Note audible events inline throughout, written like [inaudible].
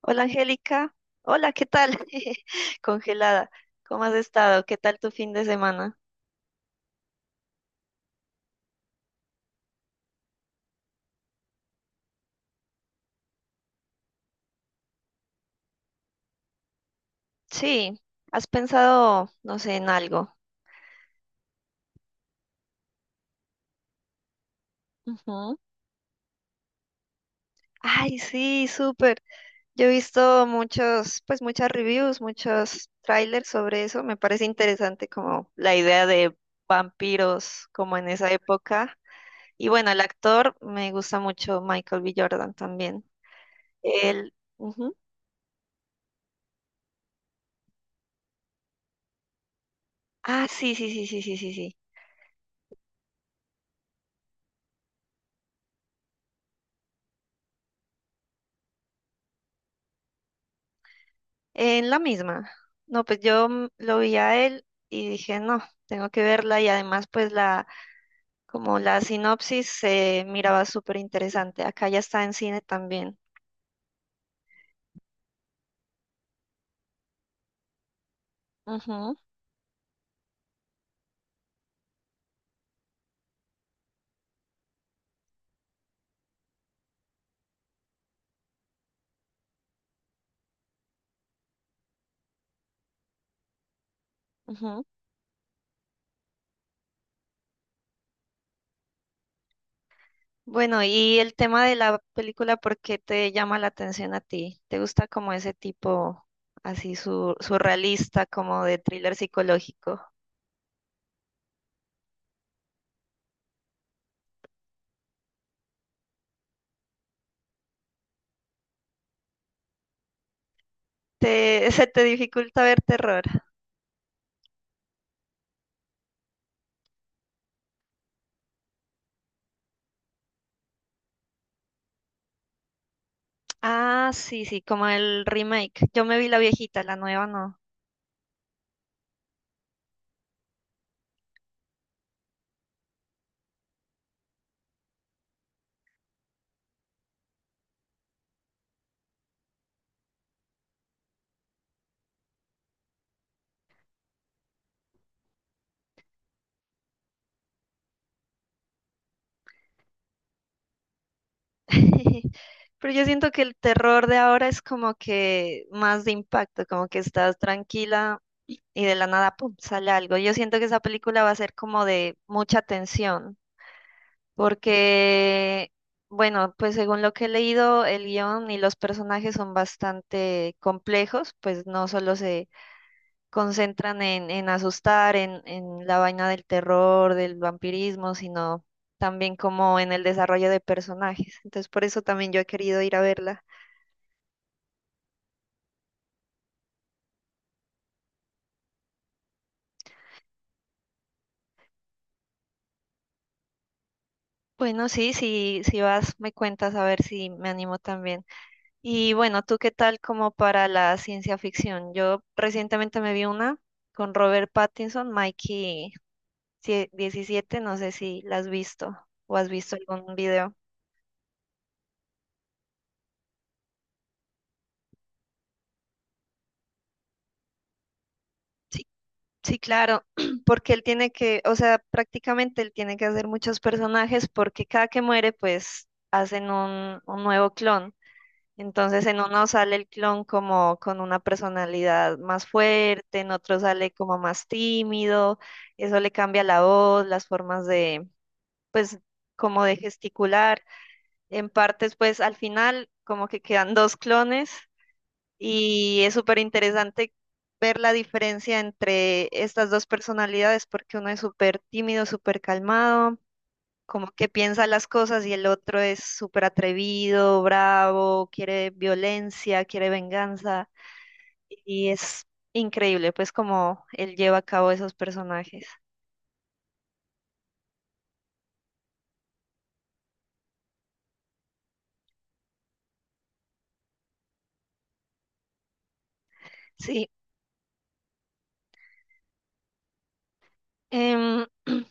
Hola Angélica, hola, ¿qué tal? [laughs] Congelada, ¿cómo has estado? ¿Qué tal tu fin de semana? Sí, ¿has pensado, no sé, en algo? Ujú. Ay, sí, súper. Yo he visto muchos, pues muchas reviews, muchos trailers sobre eso. Me parece interesante como la idea de vampiros como en esa época. Y bueno, el actor me gusta mucho Michael B. Jordan también. Él, ujú. Ah, sí, sí, sí, sí, sí, sí, sí. En la misma. No, pues yo lo vi a él y dije, no, tengo que verla y además pues como la sinopsis se miraba súper interesante. Acá ya está en cine también. Ujú, ujú. Bueno, y el tema de la película, ¿por qué te llama la atención a ti? ¿Te gusta como ese tipo así surrealista, como de thriller psicológico? ¿Te, [laughs] se te dificulta ver terror? Ah, sí, sí, como el remake. Yo me vi la viejita, la nueva no. [laughs] Pero yo siento que el terror de ahora es como que más de impacto, como que estás tranquila y de la nada, pum, sale algo. Yo siento que esa película va a ser como de mucha tensión, porque, bueno, pues según lo que he leído, el guión y los personajes son bastante complejos, pues no solo se concentran en asustar, en la vaina del terror, del vampirismo, sino también como en el desarrollo de personajes. Entonces, por eso también yo he querido ir a verla. Bueno, sí, sí, si vas, me cuentas a ver si me animo también. Y bueno, ¿tú qué tal como para la ciencia ficción? Yo recientemente me vi una con Robert Pattinson, 17, no sé si la has visto o has visto algún video. Sí Sí, claro, [clears throat] porque él tiene que, o sea, prácticamente él tiene que hacer muchos personajes porque cada que muere, pues hacen un nuevo clon. Entonces en uno sale el clon como con una personalidad más fuerte, en otro sale como más tímido, eso le cambia la voz, las formas de, pues, como de gesticular. En partes, pues al final como que quedan dos clones y es súper interesante ver la diferencia entre estas dos personalidades, porque uno es súper tímido, súper calmado, como que piensa las cosas, y el otro es súper atrevido, bravo, quiere violencia, quiere venganza. Y es increíble, pues, como él lleva a cabo esos personajes. Sí, em,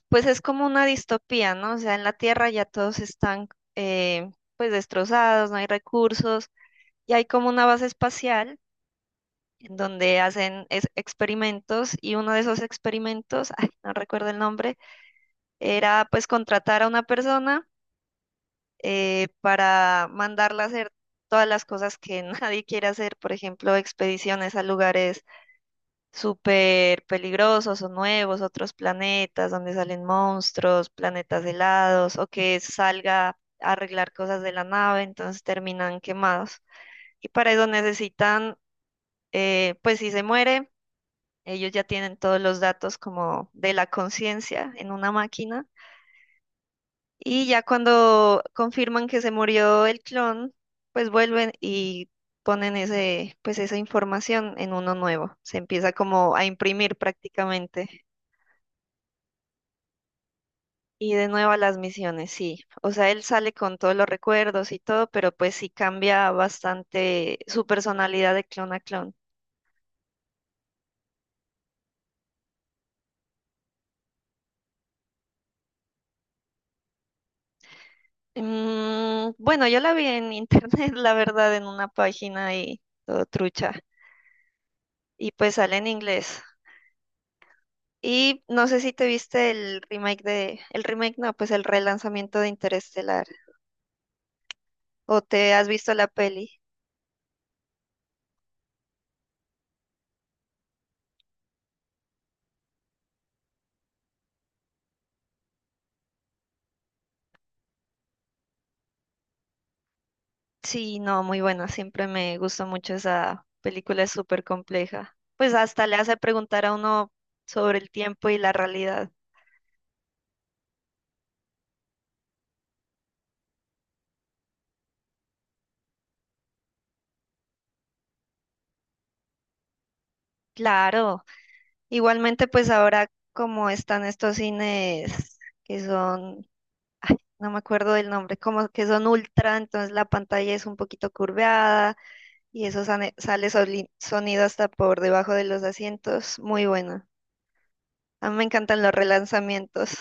pues es como una distopía, ¿no? O sea, en la Tierra ya todos están, eh, pues, destrozados, no hay recursos, y hay como una base espacial en donde hacen experimentos y uno de esos experimentos, ay, no recuerdo el nombre, era pues contratar a una persona para mandarla a hacer todas las cosas que [laughs] nadie quiere hacer, por ejemplo, expediciones a lugares súper peligrosos o nuevos, otros planetas donde salen monstruos, planetas helados o que salga a arreglar cosas de la nave, entonces terminan quemados. Y para eso necesitan, pues si se muere, ellos ya tienen todos los datos como de la conciencia en una máquina y ya cuando confirman que se murió el clon, pues vuelven y ponen pues esa información en uno nuevo. Se empieza como a imprimir prácticamente. Y de nuevo a las misiones, sí. O sea, él sale con todos los recuerdos y todo, pero pues sí cambia bastante su personalidad de clon a clon. Mm, bueno, yo la vi en internet, [laughs] la verdad, en una página y todo trucha. Y pues sale en inglés. Y no sé si te viste el remake no, pues el relanzamiento de Interestelar. ¿O te has visto la peli? Sí, no, muy buena. Siempre me gustó mucho esa película, es súper compleja. Pues hasta le hace preguntar a uno sobre el tiempo y la realidad. Claro. Igualmente, pues ahora como están estos cines que son ay, no me acuerdo del nombre, como que son ultra, entonces la pantalla es un poquito curveada y eso sale, sonido hasta por debajo de los asientos. Muy bueno. A mí me encantan los relanzamientos.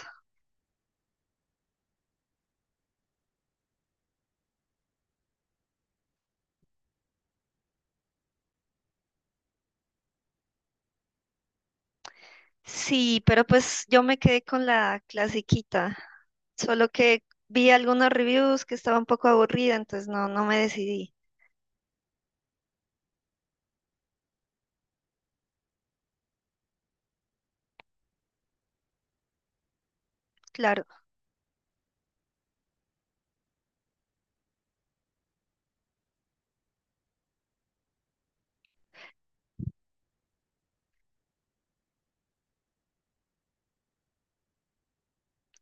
Sí, pero pues yo me quedé con la clasiquita, solo que vi algunos reviews que estaba un poco aburrida, entonces no, no me decidí. Claro,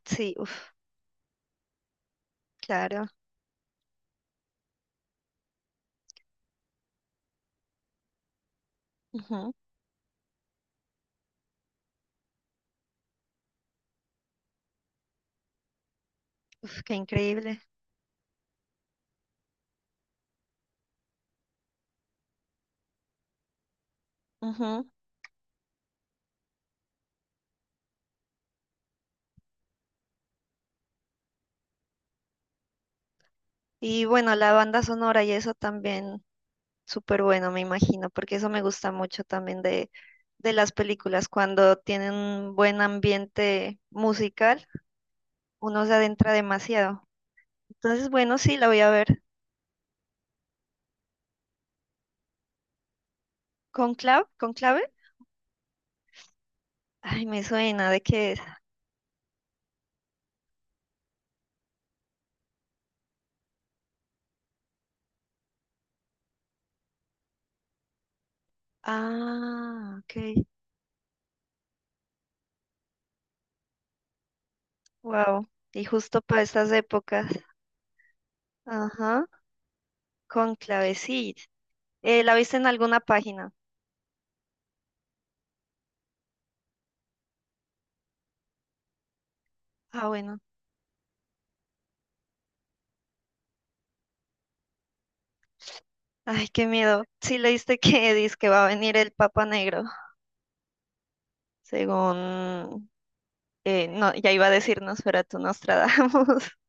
sí, uff, claro. Ujú, uf, qué increíble. Ujú. Y bueno, la banda sonora y eso también. Súper bueno, me imagino, porque eso me gusta mucho también de las películas, cuando tienen un buen ambiente musical, uno se adentra demasiado. Entonces, bueno, sí, la voy a ver. ¿Con clave? ¿Con clave? Ay, me suena, ¿de qué es? Ah, ok, wow. Y justo para estas épocas. Ajá, con clave, sí. ¿La viste en alguna página? Ah, bueno. Ay, qué miedo. Sí leíste [laughs] que dice que va a venir el Papa Negro, según no, ya iba a decir Nosferatu Nostradamus. [laughs]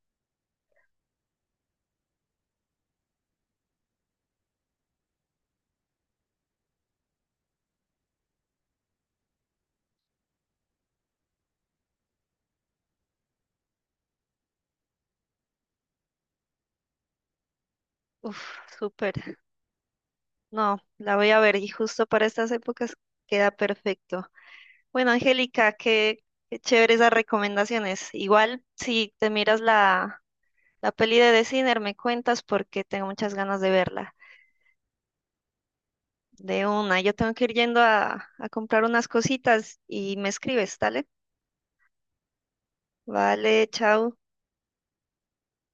Uf, súper. No, la voy a ver y justo para estas épocas queda perfecto. Bueno, Angélica, qué chéveres las recomendaciones. Igual, si te miras la peli de The Sinner, me cuentas porque tengo muchas ganas de verla. De una, yo tengo que ir yendo a comprar unas cositas y me escribes, ¿dale? Vale, chao.